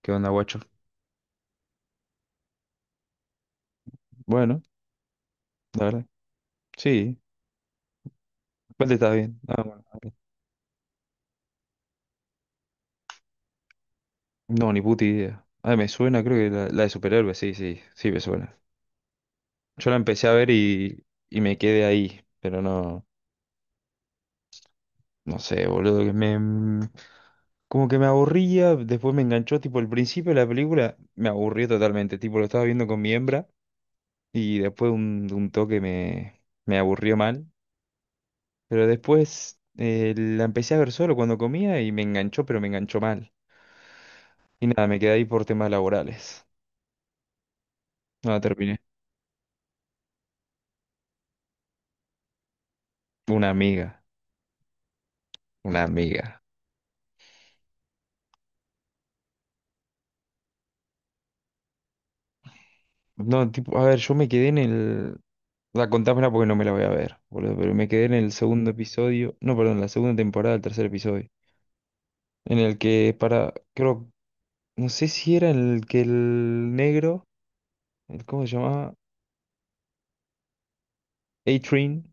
¿Qué onda, guacho? Bueno, la verdad. Sí, aparte está bien. Ah, bueno. No, ni puta idea. Ah, me suena, creo que la de superhéroes, sí, sí, sí me suena. Yo la empecé a ver y me quedé ahí, pero no, no sé, boludo, como que me aburría, después me enganchó, tipo, el principio de la película me aburrió totalmente, tipo, lo estaba viendo con mi hembra y después de un toque me aburrió mal, pero después la empecé a ver solo cuando comía y me enganchó, pero me enganchó mal. Y nada, me quedé ahí por temas laborales. Nada, terminé. Una amiga, una amiga. No, tipo, a ver, yo me quedé en el... La contámela porque no me la voy a ver, boludo, pero me quedé en el segundo episodio, no, perdón, la segunda temporada, el tercer episodio, en el que para, creo, no sé si era en el que el negro, ¿cómo se llamaba? A-Train,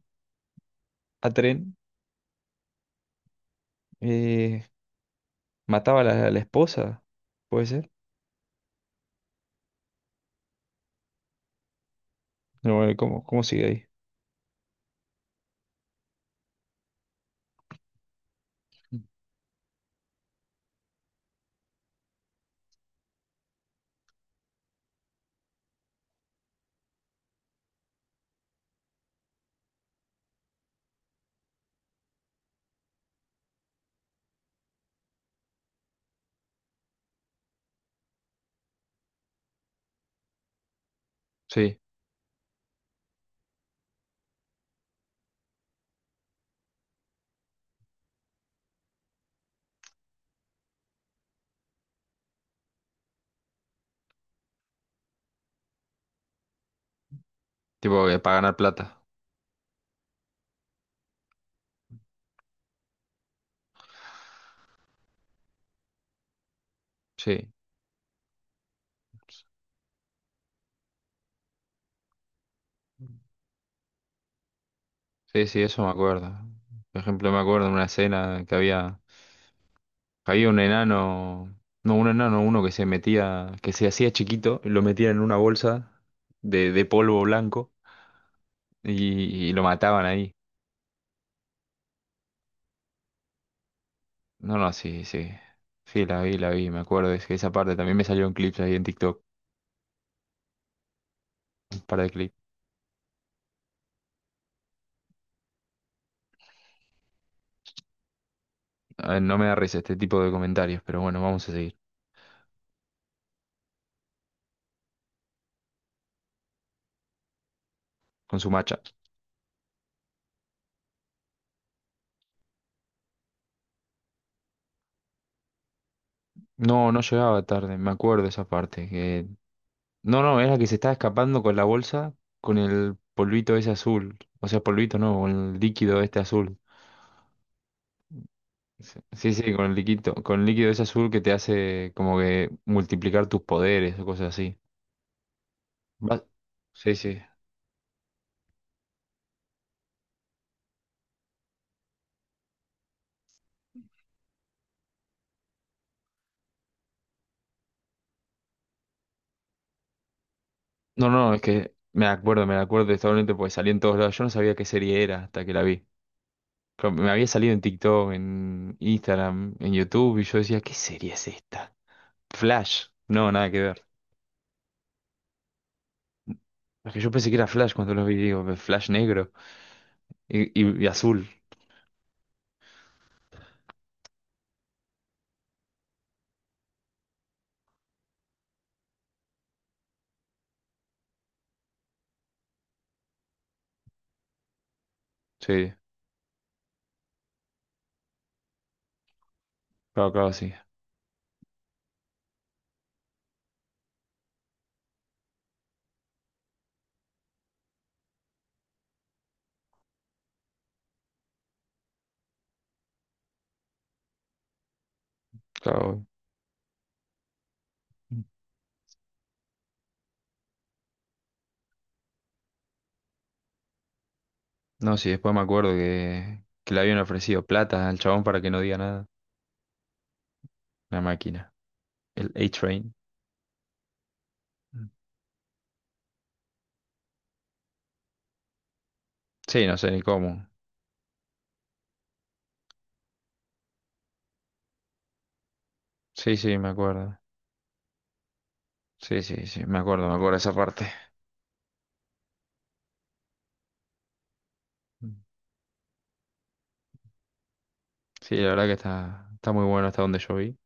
A-Tren, eh, mataba a la esposa, ¿puede ser? No, bueno, ¿cómo, cómo sigue ahí? Sí, tipo que para ganar plata. Sí. Sí, sí, eso me acuerdo. Por ejemplo, me acuerdo en una escena que había un enano, no, un enano, uno que se metía, que se hacía chiquito, lo metían en una bolsa de polvo blanco y lo mataban ahí. No, no, sí, sí. Sí, la vi, me acuerdo. Es que esa parte también me salió en clips ahí en TikTok, un par de clips. A ver, no me da risa este tipo de comentarios, pero bueno, vamos a seguir con su macha. No, no llegaba tarde, me acuerdo esa parte. Que no, no, es la que se estaba escapando con la bolsa, con el polvito ese azul. O sea, polvito no, con el líquido este azul. Sí, sí, sí, con el líquido ese azul que te hace como que multiplicar tus poderes o cosas así. Va- Sí, sí. No, no, es que me acuerdo totalmente porque salí en todos lados. Yo no sabía qué serie era hasta que la vi. Claro, me había salido en TikTok, en Instagram, en YouTube y yo decía, ¿qué serie es esta? Flash. No, nada que ver. Es que yo pensé que era Flash cuando lo vi, digo, Flash negro. Y azul, sí, claro, claro, sí, claro. No, sí, después me acuerdo que le habían ofrecido plata al chabón para que no diga nada. La máquina, el A-Train. Sí, no sé ni cómo. Sí, sí, me acuerdo. Sí, sí, sí, me acuerdo esa parte. Sí, la verdad que está, está muy bueno hasta donde yo vi.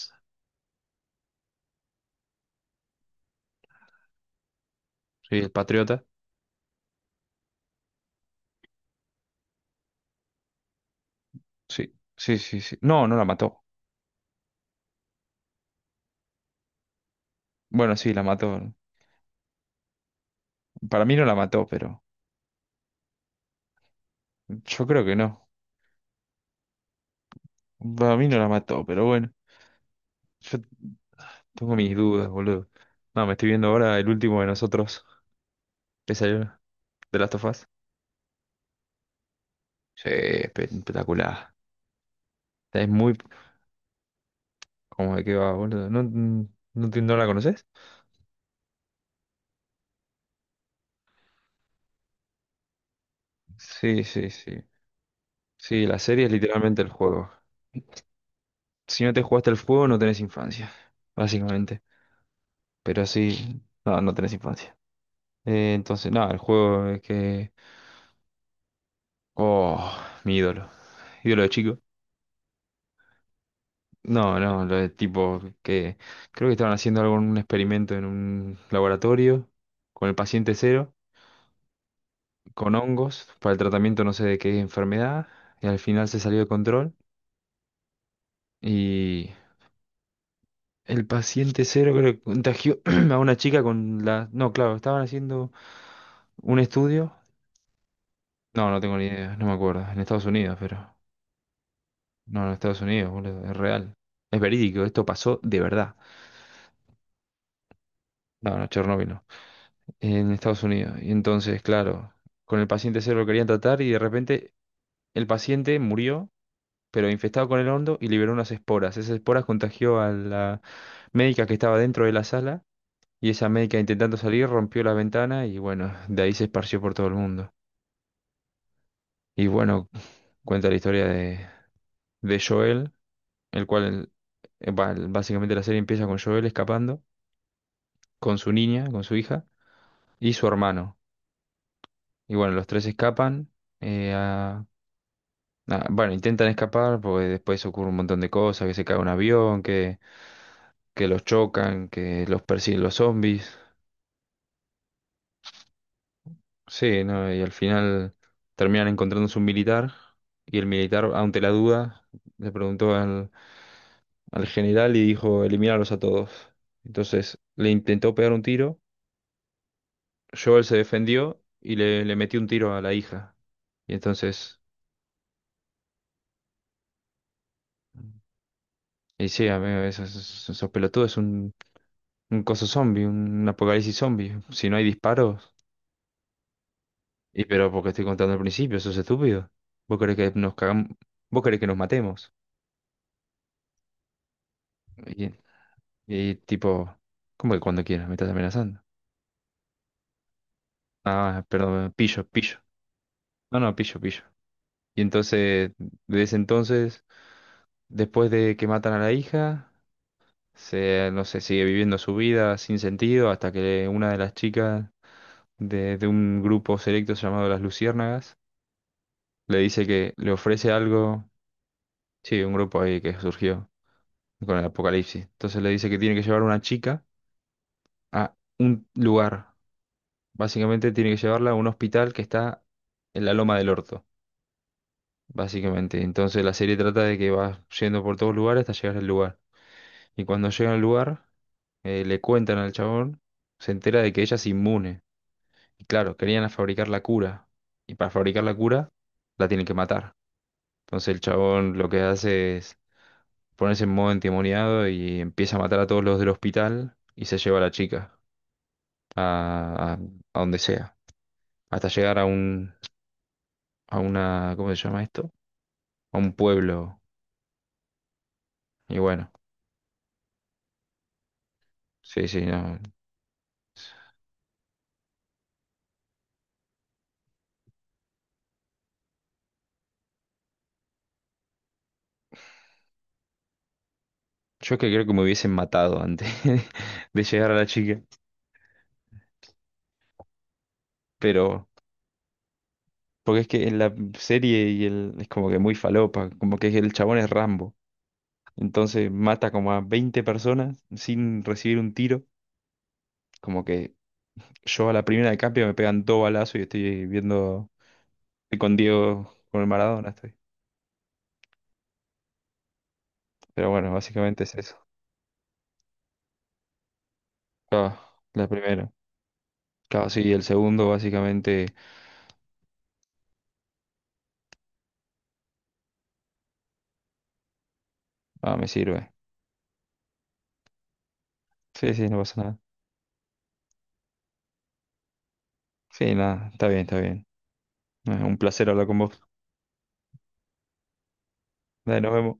Sí, el Patriota. Sí, sí, sí, sí. No, no la mató. Bueno, sí, la mató. Para mí no la mató, pero yo creo que no. Para mí no la mató, pero bueno. Yo tengo mis dudas, boludo. No, me estoy viendo ahora El Último de Nosotros. ¿Te salió? ¿De Last of Us? Sí, espectacular. Es muy... ¿Cómo de qué va, boludo? ¿No, no, no la conoces? Sí, sí, sí. Sí, la serie es literalmente el juego. Si no te jugaste el juego, no tenés infancia, básicamente. Pero sí, no, no tenés infancia. Entonces, nada, el juego es que... Oh, mi ídolo. Ídolo de chico. No, no, lo de tipo que creo que estaban haciendo algún experimento en un laboratorio con el paciente cero, con hongos, para el tratamiento no sé de qué enfermedad, y al final se salió de control y el paciente cero creo que contagió a una chica con la... No, claro, estaban haciendo un estudio. No, no tengo ni idea, no me acuerdo, en Estados Unidos, pero... No, en Estados Unidos, boludo, es real. Es verídico, esto pasó de verdad. No, no, Chernóbil no. En Estados Unidos. Y entonces, claro, con el paciente cero lo querían tratar y de repente el paciente murió, pero infectado con el hondo y liberó unas esporas. Esas esporas contagió a la médica que estaba dentro de la sala y esa médica intentando salir rompió la ventana y bueno, de ahí se esparció por todo el mundo. Y bueno, cuenta la historia de Joel, el cual, básicamente la serie empieza con Joel escapando con su niña, con su hija y su hermano. Y bueno, los tres escapan. eh, a- Ah, bueno, intentan escapar porque después ocurre un montón de cosas, que se cae un avión, que los chocan, que los persiguen los zombies. Sí, ¿no? Y al final terminan encontrándose un militar y el militar, ante la duda, le preguntó al general y dijo, eliminarlos a todos. Entonces le intentó pegar un tiro, Joel se defendió y le metió un tiro a la hija. Y entonces, y sí, amigo, esos pelotudos es un coso zombie, un apocalipsis zombie. Si no hay disparos. Y pero porque estoy contando al principio, eso es estúpido. ¿Vos querés que nos cagamos? ¿Vos querés que nos matemos? Y, y tipo, ¿cómo que cuando quieras? Me estás amenazando. Ah, perdón, pillo, pillo. No, no, pillo, pillo. Y entonces, desde entonces, después de que matan a la hija, se, no sé, sigue viviendo su vida sin sentido hasta que una de las chicas de un grupo selecto llamado Las Luciérnagas le dice que le ofrece algo, sí, un grupo ahí que surgió con el apocalipsis. Entonces le dice que tiene que llevar a una chica a un lugar. Básicamente tiene que llevarla a un hospital que está en la Loma del Orto, básicamente. Entonces la serie trata de que va yendo por todos lugares hasta llegar al lugar. Y cuando llega al lugar, le cuentan al chabón, se entera de que ella es inmune. Y claro, querían fabricar la cura. Y para fabricar la cura, la tienen que matar. Entonces el chabón lo que hace es ponerse en modo endemoniado y empieza a matar a todos los del hospital y se lleva a la chica. a, a- a donde sea, hasta llegar a un, a una, ¿cómo se llama esto? A un pueblo. Y bueno, sí, sí, no. Yo es que creo que me hubiesen matado antes de llegar a la chica, pero porque es que en la serie es como que muy falopa, como que el chabón es Rambo, entonces mata como a 20 personas sin recibir un tiro, como que yo a la primera de cambio me pegan dos balazos y estoy viendo, estoy con Diego, con el Maradona estoy. Pero bueno, básicamente es eso. Ah, la primera. Claro, sí, el segundo básicamente ah, me sirve. Sí, sí, no pasa nada. Sí, nada, está bien, está bien. Un placer hablar con vos. Dale, nos vemos.